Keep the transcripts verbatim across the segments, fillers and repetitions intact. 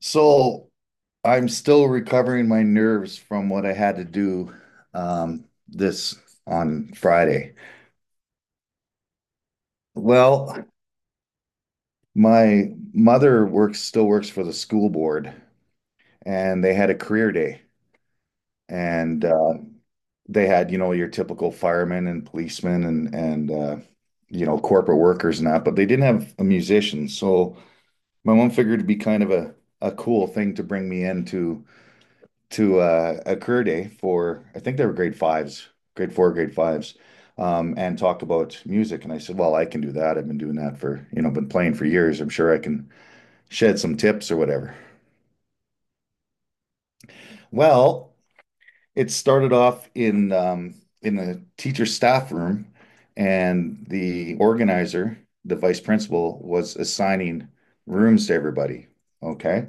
So I'm still recovering my nerves from what I had to do um, this on Friday. Well, my mother works still works for the school board, and they had a career day, and uh, they had you know your typical firemen and policemen and and uh, you know corporate workers and that, but they didn't have a musician. So my mom figured it'd be kind of a a cool thing to bring me into to uh, a career day for I think they were grade fives, grade four, grade fives, um, and talked about music. And I said, "Well, I can do that. I've been doing that for you know, been playing for years. I'm sure I can shed some tips or whatever." Well, it started off in um, in the teacher staff room, and the organizer, the vice principal, was assigning rooms to everybody. Okay.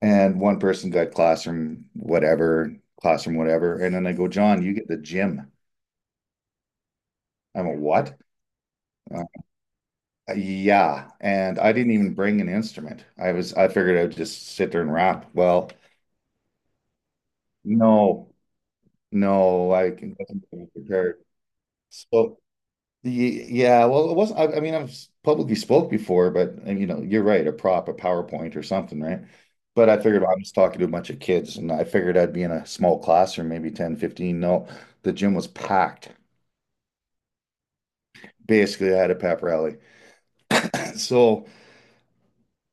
And one person got classroom, whatever, classroom, whatever. And then I go, John, you get the gym. I'm a what? Uh, yeah, and I didn't even bring an instrument. I was I figured I'd just sit there and rap. Well, no, no, I can wasn't really prepared. So y- yeah, well, it wasn't. I, I mean, I've s- publicly spoke before, but and, you know, you're right, a prop, a PowerPoint or something, right? But I figured I was talking to a bunch of kids, and I figured I'd be in a small classroom, maybe ten, fifteen. No, the gym was packed. Basically, I had a pep rally. So.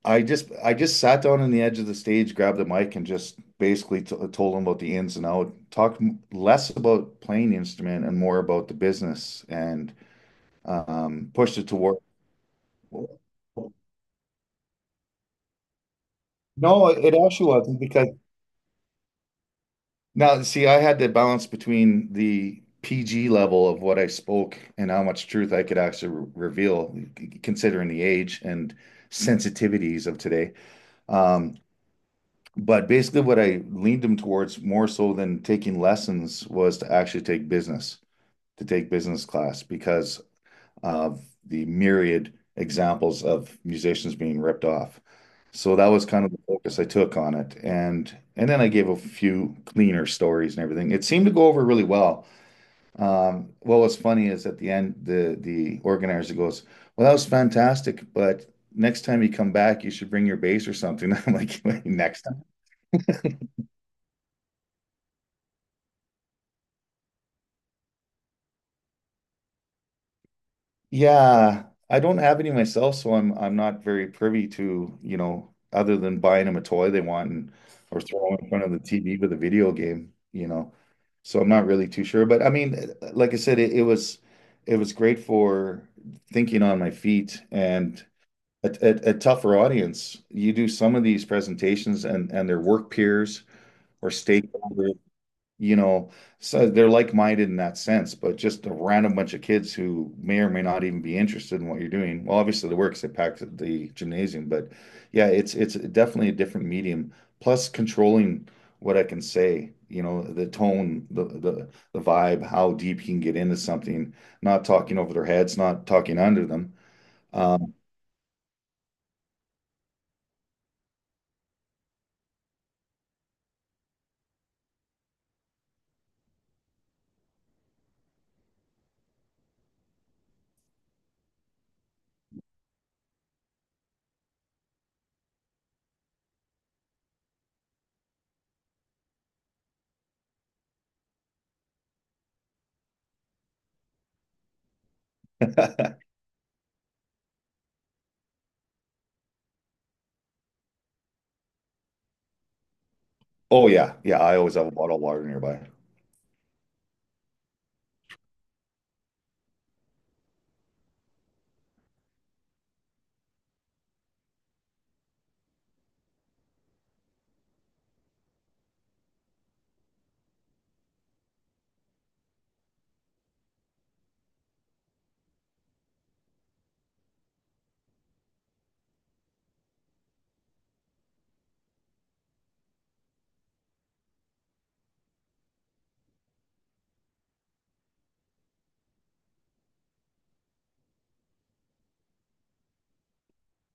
I just I just sat down on the edge of the stage, grabbed the mic, and just basically t told them about the ins and out. Talked m- less about playing the instrument and more about the business, and um, pushed it toward. No, it actually wasn't because now see, I had to balance between the P G level of what I spoke and how much truth I could actually re reveal, considering the age and sensitivities of today. Um, But basically, what I leaned him towards more so than taking lessons was to actually take business, to take business class because of the myriad examples of musicians being ripped off. So that was kind of the focus I took on it. And and then I gave a few cleaner stories and everything. It seemed to go over really well. Um, what was funny is at the end, the the organizer goes, "Well, that was fantastic, but next time you come back, you should bring your bass or something." I'm like, "Wait, next time." Yeah, I don't have any myself, so I'm I'm not very privy to, you know, other than buying them a toy they want and or throwing in front of the T V with a video game, you know. So I'm not really too sure, but I mean, eh, like I said, it, it was it was great for thinking on my feet and a, a, a tougher audience. You do some of these presentations and and their work peers or stakeholders, you know, so they're like-minded in that sense, but just a random bunch of kids who may or may not even be interested in what you're doing. Well, obviously they work 'cause they packed the gymnasium, but yeah, it's it's definitely a different medium. Plus controlling what I can say, you know, the tone, the the the vibe, how deep you can get into something, not talking over their heads, not talking under them. Um, oh yeah, yeah, I always have a bottle of water nearby.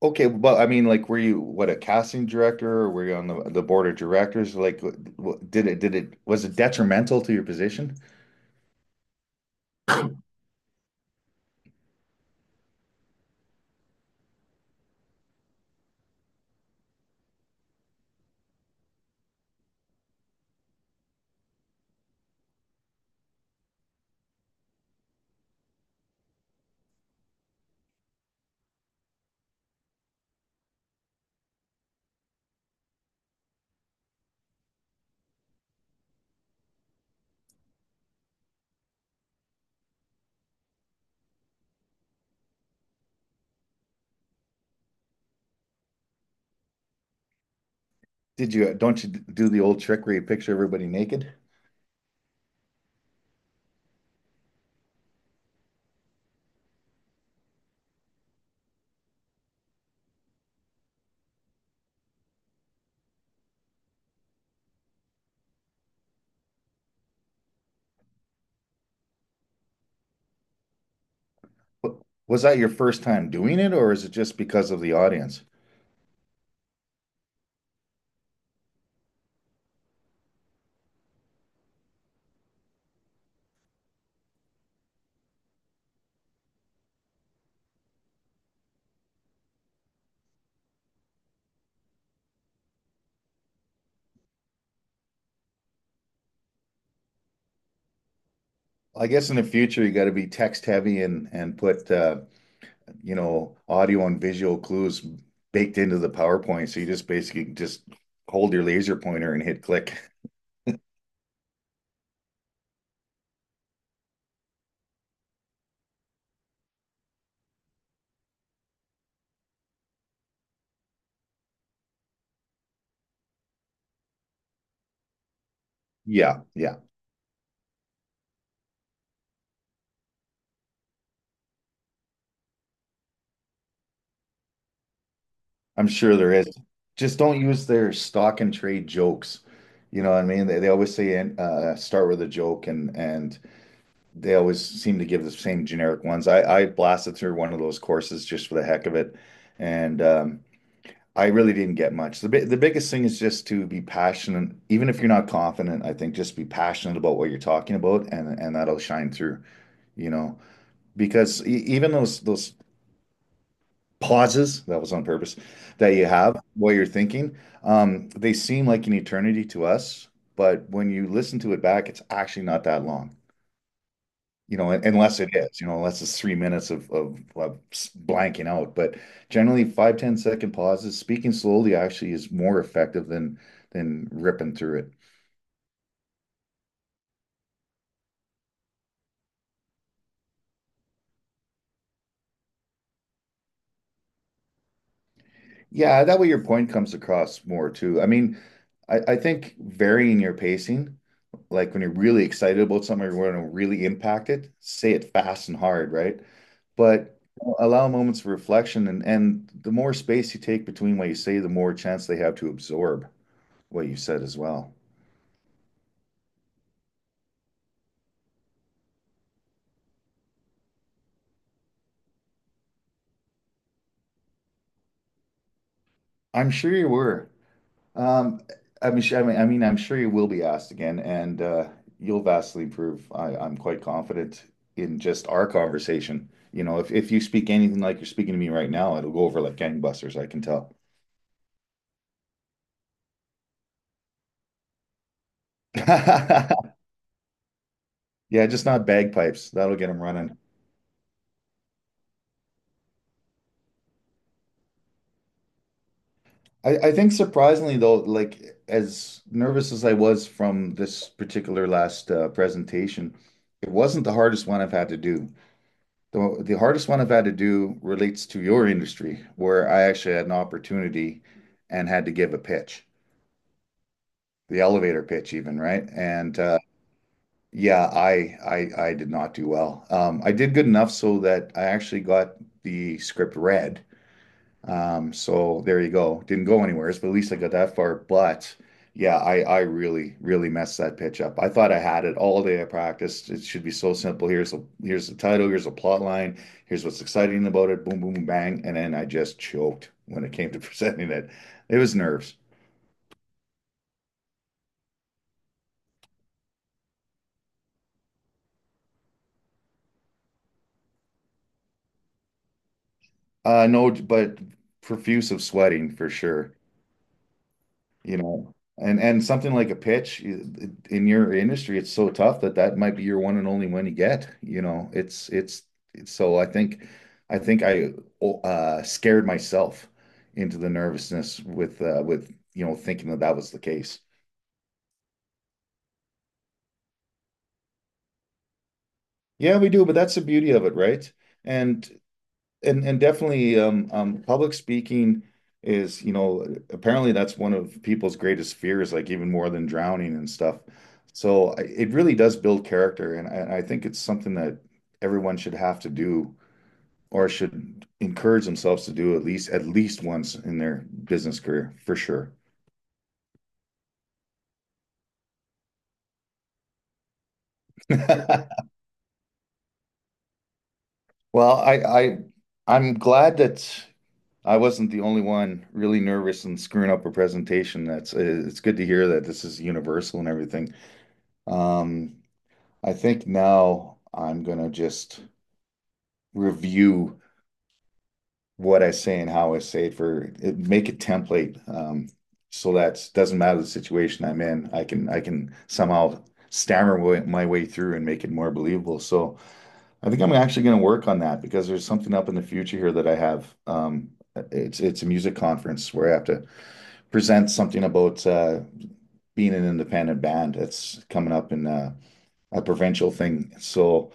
Okay, but I mean, like, were you what a casting director, or were you on the the board of directors? Like, wh- did it did it was it detrimental to your position? Did you don't you do the old trick where you picture everybody naked? Wa- Was that your first time doing it, or is it just because of the audience? I guess in the future you got to be text heavy and and put uh, you know audio and visual clues baked into the PowerPoint, so you just basically just hold your laser pointer and hit click. Yeah, yeah. I'm sure there is. Just don't use their stock and trade jokes. You know what I mean? They, they always say and uh, start with a joke, and and they always seem to give the same generic ones. I I blasted through one of those courses just for the heck of it, and um, I really didn't get much. The bi the biggest thing is just to be passionate, even if you're not confident. I think just be passionate about what you're talking about, and and that'll shine through. You know, because e- even those those pauses, that was on purpose, that you have while you're thinking, um, they seem like an eternity to us, but when you listen to it back, it's actually not that long, you know, unless it is, you know, unless it's three minutes of, of, of blanking out. But generally, five ten second pauses, speaking slowly actually is more effective than than ripping through it. Yeah, that way your point comes across more too. I mean, I, I think varying your pacing, like when you're really excited about something, you want to really impact it, say it fast and hard, right? But allow moments of reflection and and the more space you take between what you say, the more chance they have to absorb what you said as well. I'm sure you were. Um, I mean, I mean, I mean, I'm sure you will be asked again, and uh, you'll vastly improve. I, I'm quite confident in just our conversation. You know, if if you speak anything like you're speaking to me right now, it'll go over like gangbusters, I can tell. Yeah, just not bagpipes. That'll get him running. I, I think surprisingly though, like as nervous as I was from this particular last uh, presentation, it wasn't the hardest one I've had to do. The, the hardest one I've had to do relates to your industry, where I actually had an opportunity and had to give a pitch, the elevator pitch even, right? And uh, Yeah, I, I I did not do well. Um, I did good enough so that I actually got the script read. Um, so there you go. Didn't go anywhere, but at least I got that far. But yeah, I I really really messed that pitch up. I thought I had it all day. I practiced. It should be so simple. Here's the here's the title. Here's the plot line. Here's what's exciting about it. Boom boom bang, and then I just choked when it came to presenting it. It was nerves. Uh, no, but profuse of sweating for sure. You know, and and something like a pitch i- in your industry, it's so tough that that might be your one and only one you get. You know, it's it's, it's so I think I think I uh, scared myself into the nervousness with uh, with you know thinking that that was the case. Yeah, we do, but that's the beauty of it, right? And And and definitely, um, um, public speaking is, you know, apparently that's one of people's greatest fears, like even more than drowning and stuff. So I- it really does build character, and I, I think it's something that everyone should have to do or should encourage themselves to do at least at least once in their business career, for sure. Well, I, I I'm glad that I wasn't the only one really nervous and screwing up a presentation. That's uh, it's good to hear that this is universal and everything. Um, I think now I'm gonna just review what I say and how I say it for it, make a template. Um, so that doesn't matter the situation I'm in. I can I can somehow stammer my way through and make it more believable. So I think I'm actually gonna work on that because there's something up in the future here that I have. Um, it's it's a music conference where I have to present something about uh, being an independent band. That's coming up in uh, a provincial thing. So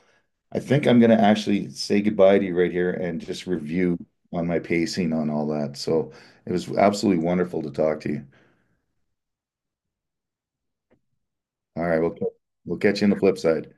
I think I'm gonna actually say goodbye to you right here and just review on my pacing on all that. So it was absolutely wonderful to talk to you. All right, we'll we'll catch you on the flip side.